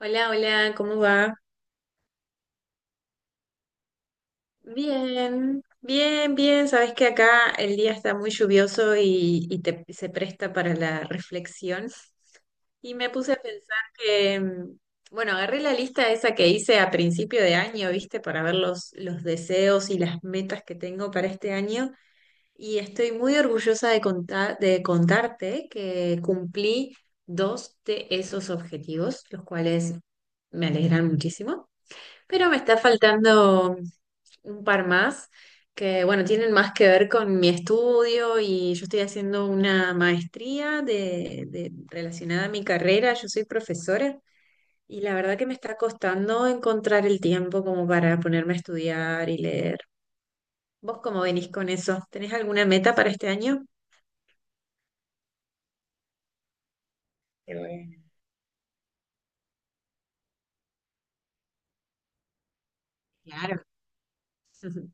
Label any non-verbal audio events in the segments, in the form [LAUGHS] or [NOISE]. Hola, hola, ¿cómo va? Bien, bien, bien. Sabes que acá el día está muy lluvioso y se presta para la reflexión. Y me puse a pensar que, bueno, agarré la lista esa que hice a principio de año, ¿viste? Para ver los deseos y las metas que tengo para este año. Y estoy muy orgullosa de contarte que cumplí dos de esos objetivos, los cuales me alegran muchísimo. Pero me está faltando un par más que, bueno, tienen más que ver con mi estudio y yo estoy haciendo una maestría relacionada a mi carrera. Yo soy profesora y la verdad que me está costando encontrar el tiempo como para ponerme a estudiar y leer. ¿Vos cómo venís con eso? ¿Tenés alguna meta para este año? Qué bueno. Claro. [LAUGHS]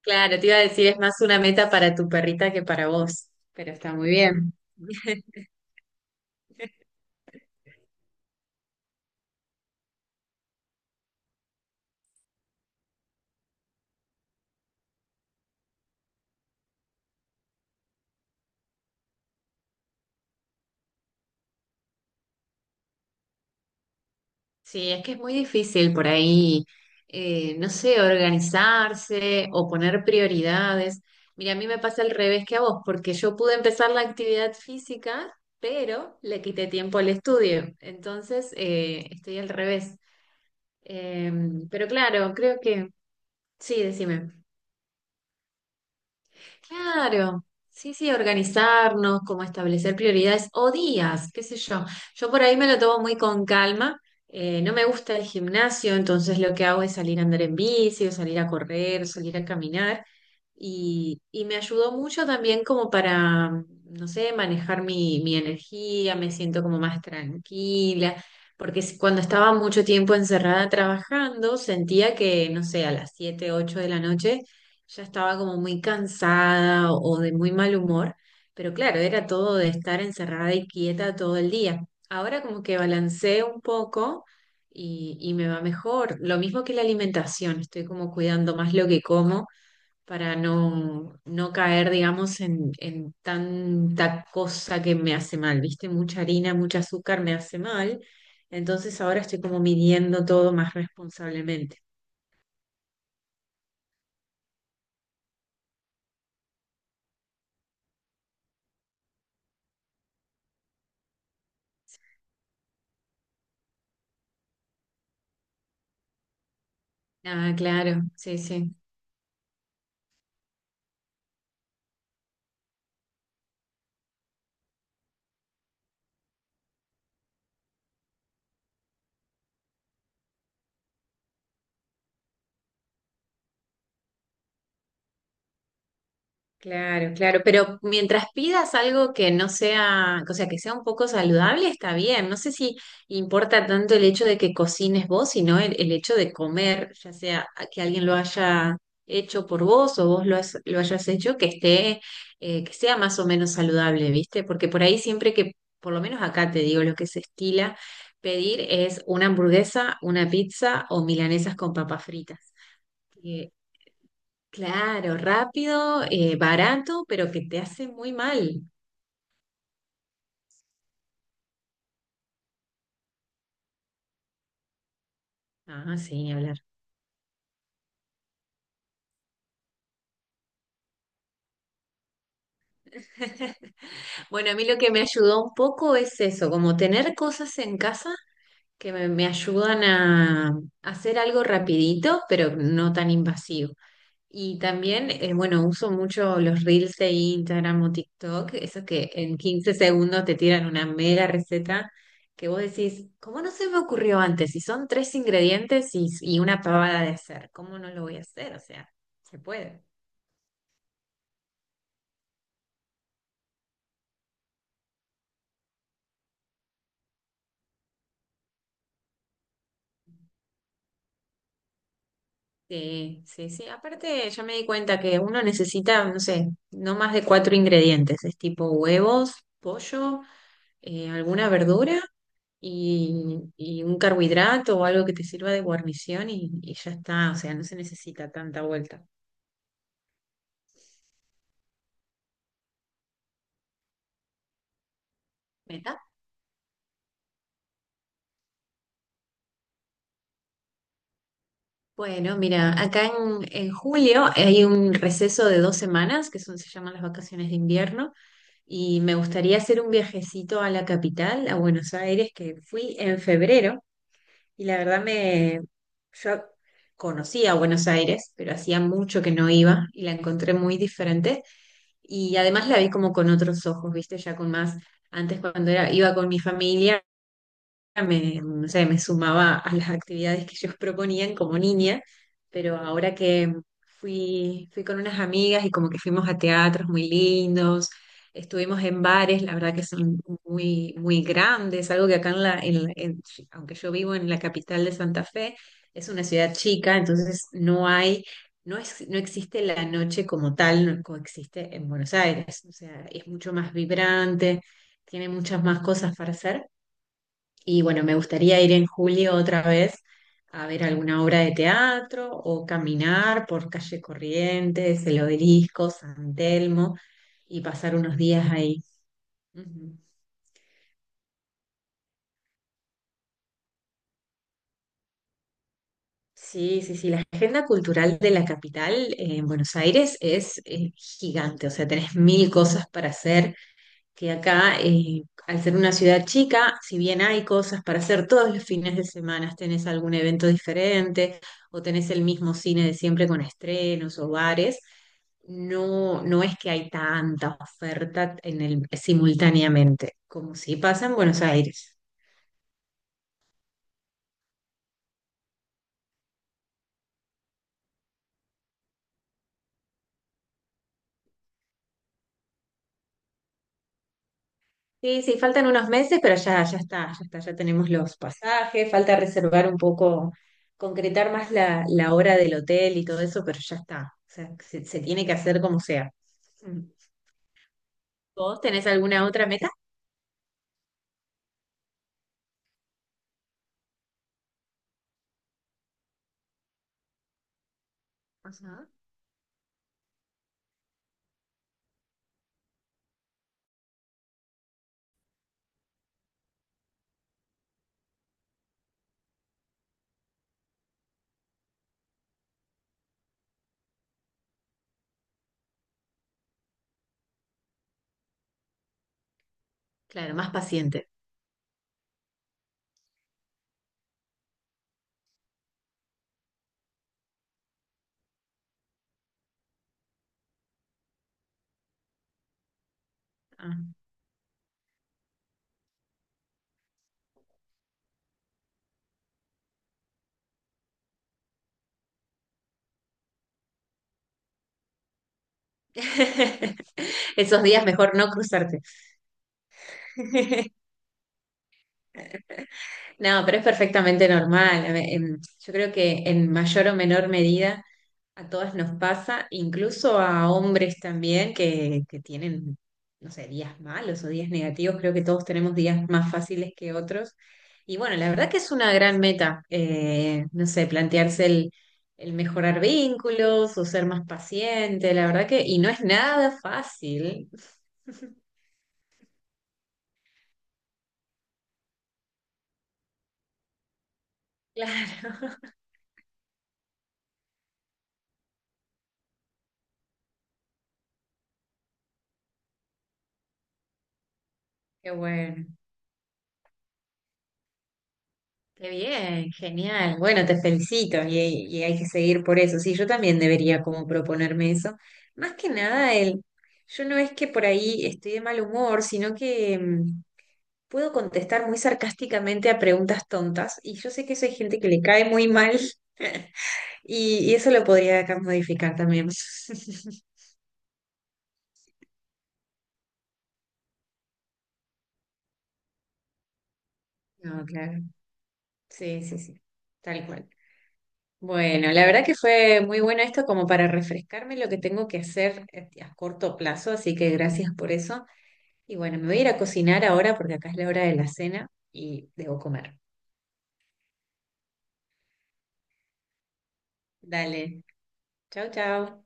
Claro, te iba a decir, es más una meta para tu perrita que para vos, pero está muy bien. [LAUGHS] Sí, es que es muy difícil por ahí, no sé, organizarse o poner prioridades. Mira, a mí me pasa al revés que a vos, porque yo pude empezar la actividad física, pero le quité tiempo al estudio. Entonces, estoy al revés. Pero claro, creo que sí, decime. Claro, sí, sí, organizarnos, como establecer prioridades o días, qué sé yo. Yo por ahí me lo tomo muy con calma. No me gusta el gimnasio, entonces lo que hago es salir a andar en bici, o salir a correr, salir a caminar. Y me ayudó mucho también como para, no sé, manejar mi energía, me siento como más tranquila, porque cuando estaba mucho tiempo encerrada trabajando, sentía que, no sé, a las 7 8 de la noche ya estaba como muy cansada o de muy mal humor, pero claro, era todo de estar encerrada y quieta todo el día. Ahora como que balanceo un poco y me va mejor. Lo mismo que la alimentación, estoy como cuidando más lo que como para no, no caer, digamos, en tanta cosa que me hace mal, ¿viste? Mucha harina, mucho azúcar me hace mal. Entonces ahora estoy como midiendo todo más responsablemente. Ah, claro, sí, sí. Claro, claro, pero mientras pidas algo que no sea, o sea, que sea un poco saludable, está bien. No sé si importa tanto el hecho de que cocines vos, sino el hecho de comer, ya sea que alguien lo haya hecho por vos o vos lo hayas hecho, que esté, que sea más o menos saludable, ¿viste? Porque por ahí siempre que, por lo menos acá te digo, lo que se estila pedir es una hamburguesa, una pizza o milanesas con papas fritas. Claro, rápido, barato, pero que te hace muy mal. Ah, sí, ni hablar. [LAUGHS] Bueno, a mí lo que me ayudó un poco es eso, como tener cosas en casa que me ayudan a hacer algo rapidito, pero no tan invasivo. Y también, bueno, uso mucho los reels de Instagram o TikTok, esos que en 15 segundos te tiran una mega receta que vos decís, ¿cómo no se me ocurrió antes? Si son tres ingredientes y una pavada de hacer, ¿cómo no lo voy a hacer? O sea, se puede. Sí, sí, sí. Aparte, ya me di cuenta que uno necesita, no sé, no más de cuatro ingredientes. Es tipo huevos, pollo, alguna verdura y un carbohidrato o algo que te sirva de guarnición y ya está, o sea, no se necesita tanta vuelta. ¿Meta? Bueno, mira, acá en julio hay un receso de 2 semanas, que son, se llaman las vacaciones de invierno, y me gustaría hacer un viajecito a la capital, a Buenos Aires, que fui en febrero, y la verdad yo conocía a Buenos Aires, pero hacía mucho que no iba y la encontré muy diferente. Y además la vi como con otros ojos, ¿viste? Ya con más, antes cuando era, iba con mi familia, no sé, me sumaba a las actividades que ellos proponían como niña, pero ahora que fui con unas amigas y como que fuimos a teatros muy lindos, estuvimos en bares, la verdad que son muy, muy grandes, algo que acá aunque yo vivo en la capital de Santa Fe, es una ciudad chica, entonces no hay. No es, no existe la noche como tal, no coexiste en Buenos Aires. O sea, es mucho más vibrante, tiene muchas más cosas para hacer. Y bueno, me gustaría ir en julio otra vez a ver alguna obra de teatro o caminar por calle Corrientes, el Obelisco, San Telmo y pasar unos días ahí. Ujú. Sí, sí, sí, la agenda cultural de la capital en Buenos Aires es gigante, o sea, tenés mil cosas para hacer que acá, al ser una ciudad chica, si bien hay cosas para hacer todos los fines de semana, tenés algún evento diferente o tenés el mismo cine de siempre con estrenos o bares, no, no es que hay tanta oferta en el, simultáneamente, como si pasa en Buenos Aires. Sí, sí, faltan unos meses, pero ya está, ya está, ya tenemos los pasajes, falta reservar un poco, concretar más la hora del hotel y todo eso, pero ya está. O sea, se tiene que hacer como sea. Mm. ¿Vos tenés alguna otra meta? Ajá. Claro, más paciente. Ah. [LAUGHS] Esos días mejor no cruzarte. [LAUGHS] No, pero es perfectamente normal. A ver, yo creo que en mayor o menor medida a todas nos pasa, incluso a hombres también que tienen, no sé, días malos o días negativos. Creo que todos tenemos días más fáciles que otros. Y bueno, la verdad que es una gran meta, no sé, plantearse el mejorar vínculos o ser más paciente, la verdad que, y no es nada fácil. [LAUGHS] Claro, qué bueno. Qué bien, genial. Bueno, te felicito y hay que seguir por eso. Sí, yo también debería como proponerme eso. Más que nada, yo no es que por ahí estoy de mal humor, sino que puedo contestar muy sarcásticamente a preguntas tontas y yo sé que eso hay gente que le cae muy mal [LAUGHS] y eso lo podría acá modificar también. [LAUGHS] No, claro. Sí, sí, sí. Tal cual. Bueno, la verdad que fue muy bueno esto como para refrescarme lo que tengo que hacer a corto plazo, así que gracias por eso. Y bueno, me voy a ir a cocinar ahora porque acá es la hora de la cena y debo comer. Dale, chao, chao.